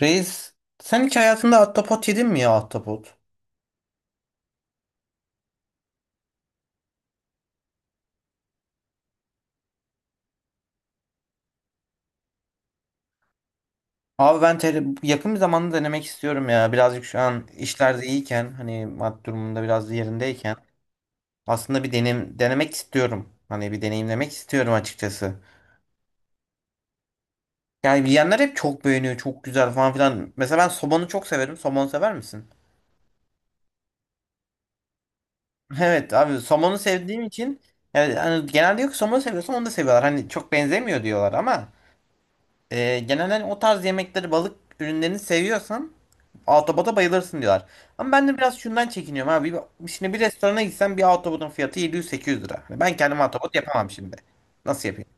Reis, sen hiç hayatında ahtapot yedin mi ya ahtapot? Abi ben yakın bir zamanda denemek istiyorum ya. Birazcık şu an işlerde iyiyken, hani maddi durumunda biraz yerindeyken aslında bir denemek istiyorum. Hani bir deneyimlemek istiyorum açıkçası. Yani yiyenler hep çok beğeniyor, çok güzel falan filan. Mesela ben somonu çok severim. Somon sever misin? Evet abi, somonu sevdiğim için yani hani genelde, yok somonu seviyorsan onu da seviyorlar. Hani çok benzemiyor diyorlar ama genelde hani o tarz yemekleri, balık ürünlerini seviyorsan Autobot'a bayılırsın diyorlar. Ama ben de biraz şundan çekiniyorum abi. Şimdi bir restorana gitsem bir Autobot'un fiyatı 700-800 lira. Hani ben kendim Autobot yapamam şimdi. Nasıl yapayım?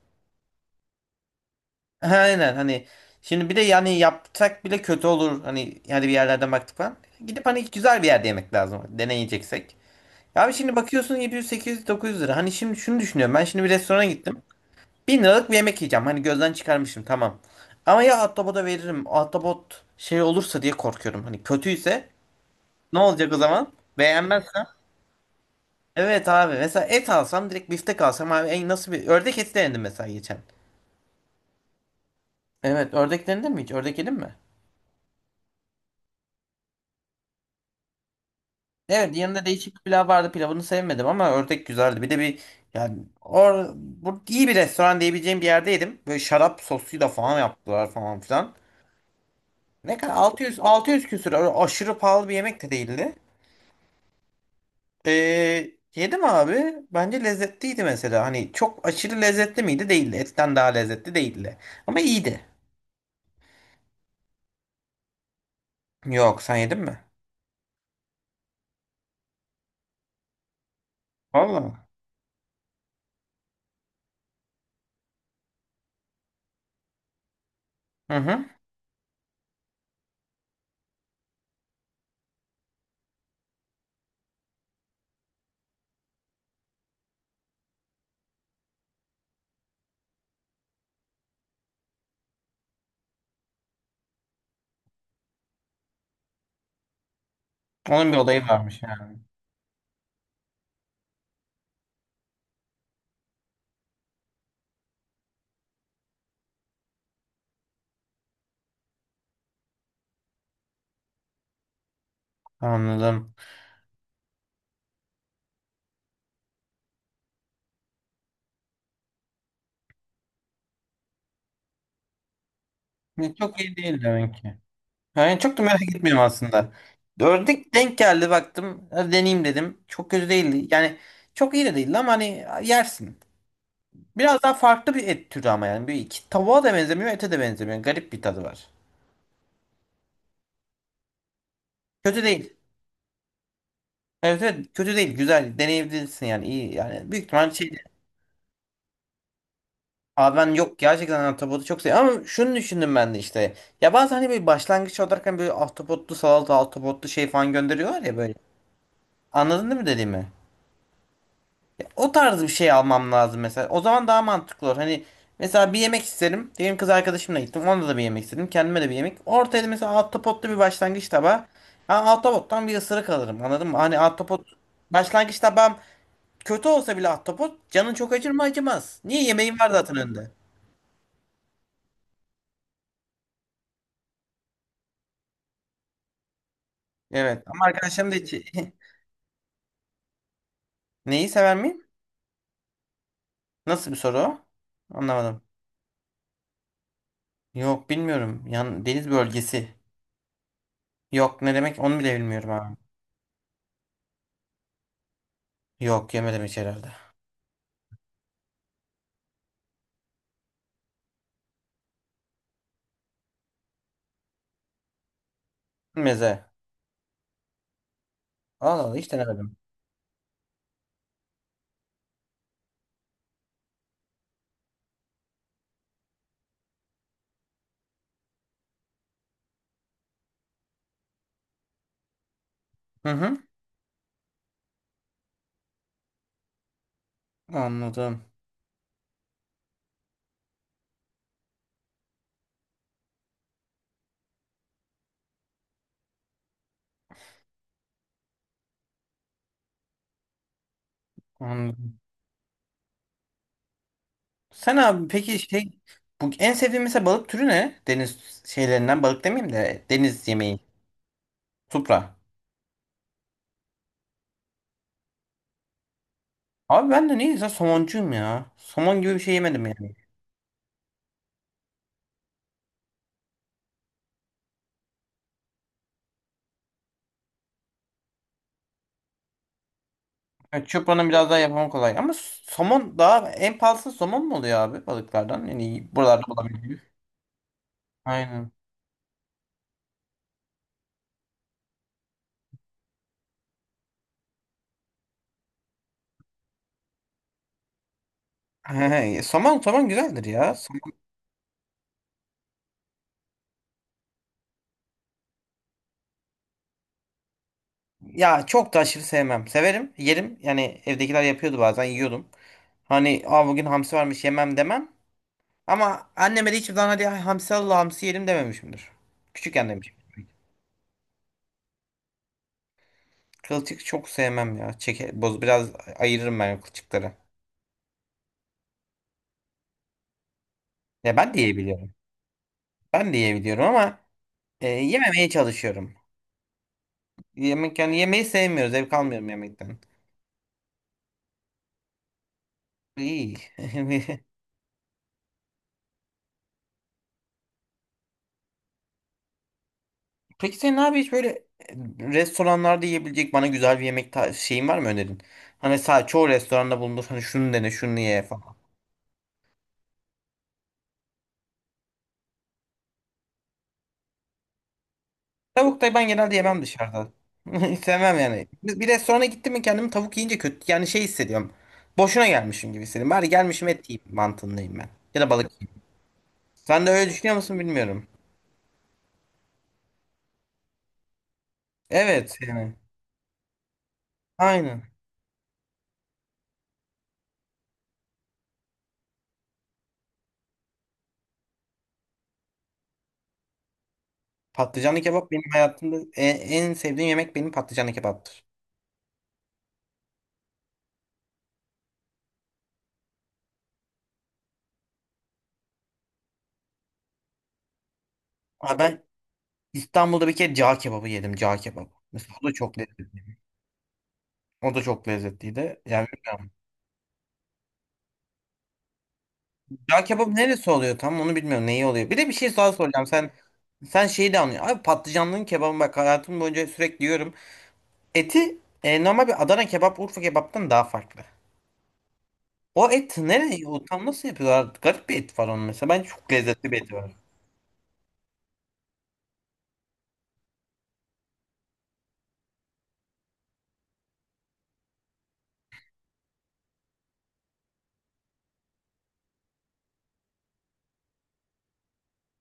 Aynen, hani şimdi bir de yani yapsak bile kötü olur. Hani yani bir yerlerden baktık falan. Gidip hani güzel bir yerde yemek lazım. Deneyeceksek. Abi şimdi bakıyorsun, 700, 800, 900 lira. Hani şimdi şunu düşünüyorum. Ben şimdi bir restorana gittim. 1000 liralık bir yemek yiyeceğim. Hani gözden çıkarmışım, tamam. Ama ya Autobot'a veririm. Autobot şey olursa diye korkuyorum. Hani kötüyse, ne olacak o zaman? Beğenmezsem? Evet abi, mesela et alsam, direkt biftek alsam abi. En, nasıl, bir ördek eti denedim mesela geçen. Evet, ördek denedin mi hiç? Ördek yedin mi? Evet, yanında değişik bir pilav vardı, pilavını sevmedim ama ördek güzeldi. Bir de bir yani bu iyi bir restoran diyebileceğim bir yerde yedim. Böyle şarap sosuyla falan yaptılar falan filan. Ne kadar, 600 600 küsür, öyle aşırı pahalı bir yemek de değildi. Yedim abi. Bence lezzetliydi mesela. Hani çok aşırı lezzetli miydi? Değildi. Etten daha lezzetli değildi. Ama iyiydi. Yok, sen yedin mi? Vallahi. Hı hı. Onun bir olayı varmış yani. Anladım. Ne, çok iyi değil demek ki. Yani çok da merak etmiyorum aslında. Ördük denk geldi, baktım. Hadi deneyeyim dedim. Çok kötü değildi. Yani çok iyi de değildi ama hani yersin. Biraz daha farklı bir et türü ama yani. Bir iki tavuğa da benzemiyor, ete de benzemiyor. Garip bir tadı var. Kötü değil. Evet, evet, kötü değil. Güzel. Deneyebilirsin yani. İyi yani. Büyük ihtimal şey. Abi ben, yok gerçekten ahtapotu çok seviyorum ama şunu düşündüm ben de işte. Ya bazen hani böyle başlangıç olarak, hani böyle ahtapotlu salata, ahtapotlu şey falan gönderiyorlar ya böyle. Anladın değil mi dediğimi? O tarz bir şey almam lazım mesela. O zaman daha mantıklı olur. Hani mesela bir yemek isterim. Diyelim kız arkadaşımla gittim. Ona da bir yemek istedim. Kendime de bir yemek. Ortaya da mesela ahtapotlu bir başlangıç tabağı. Ben ahtapottan bir ısırık alırım. Anladın mı? Hani ahtapot başlangıç tabağım kötü olsa bile, ahtapot canın çok acır mı, acımaz. Niye, yemeğin var zaten önünde. Evet ama arkadaşlarım da hiç. Neyi sever miyim? Nasıl bir soru o? Anlamadım. Yok, bilmiyorum. Yan deniz bölgesi. Yok, ne demek onu bile bilmiyorum abi. Yok, yemedim hiç herhalde. Meze. Allah Allah, hiç denemedim. Hı hı. Anladım. Anladım. Sen abi peki, şey, bu en sevdiğin mesela balık türü ne? Deniz şeylerinden, balık demeyeyim de, deniz yemeği. Supra. Abi ben de neyse somoncuyum ya. Somon gibi bir şey yemedim yani. Evet, Çupra'nın biraz daha yapımı kolay. Ama somon, daha en pahalısı somon mu oluyor abi, balıklardan? Yani buralarda bulabiliyoruz. Aynen. He, somon somon güzeldir ya. Somon- Ya çok da aşırı sevmem. Severim, yerim. Yani evdekiler yapıyordu, bazen yiyordum. Hani, aa, bugün hamsi varmış, yemem demem. Ama anneme de hiçbir zaman hadi hamsi al, hamsi yerim dememişimdir. Küçükken demişim. Kılçık çok sevmem ya. Çeke, boz, biraz ayırırım ben kılçıkları. Ya ben de yiyebiliyorum. Ben de yiyebiliyorum ama yememeye çalışıyorum. Yani yemeği sevmiyoruz. Zevk almıyorum yemekten. İyi. Peki senin abi, hiç böyle restoranlarda yiyebilecek bana güzel bir yemek şeyin var mı, önerin? Hani sadece çoğu restoranda bulunur. Hani şunu dene, şunu ye falan. Tavuk da ben genelde yemem dışarıda. Hiç sevmem yani. Bir restorana gittim mi kendimi tavuk yiyince kötü, yani şey hissediyorum. Boşuna gelmişim gibi hissediyorum. Bari gelmişim, et yiyeyim mantığındayım ben. Ya da balık yiyeyim. Sen de öyle düşünüyor musun, bilmiyorum. Evet yani. Aynen. Patlıcanlı kebap benim hayatımda en sevdiğim yemek, benim patlıcanlı kebaptır. Abi ben İstanbul'da bir kere cağ kebabı yedim. Cağ kebabı. Mesela o da çok lezzetli. O da çok lezzetliydi. Yani bilmiyorum. Cağ kebabı neresi oluyor tam, onu bilmiyorum. Neyi oluyor? Bir de bir şey daha soracağım. Sen şeyi de anlıyorsun. Abi, patlıcanlının kebabı, bak hayatım boyunca sürekli yiyorum. Eti normal bir Adana kebap, Urfa kebaptan daha farklı. O et nereye? O tam nasıl yapıyorlar? Garip bir et var onun mesela. Bence çok lezzetli bir eti var.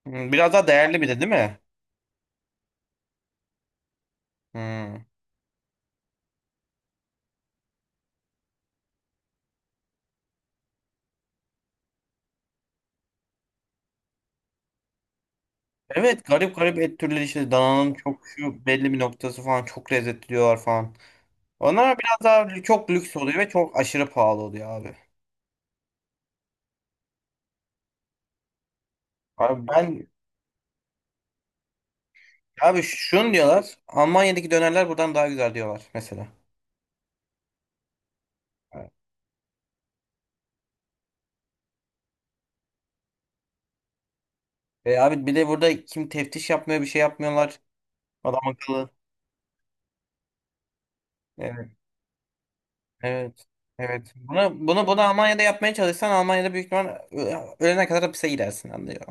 Biraz daha değerli bir de değil mi? Hmm. Evet, garip garip et türleri işte, dananın çok şu belli bir noktası falan çok lezzetli diyorlar falan. Onlar biraz daha çok lüks oluyor ve çok aşırı pahalı oluyor abi. Abi ben Abi, şunu diyorlar, Almanya'daki dönerler buradan daha güzel diyorlar mesela. Evet. Abi, bir de burada kim teftiş yapmıyor, bir şey yapmıyorlar adam akıllı. Evet, evet. Evet. Bunu Almanya'da yapmaya çalışsan, Almanya'da büyük ihtimal ölene kadar hapise gidersin, anlıyor.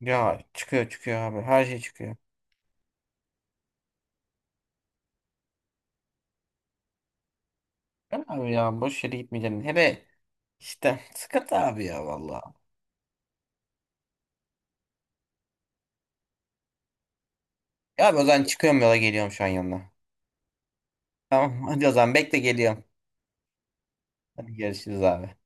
Ya çıkıyor çıkıyor abi. Her şey çıkıyor. Ben abi ya boş yere gitmeyeceğim. Hele işte, sıkıntı abi ya valla. Ya abi, o zaman çıkıyorum, yola geliyorum şu an yanına. Tamam, hadi o zaman bekle, geliyorum. Hadi görüşürüz abi.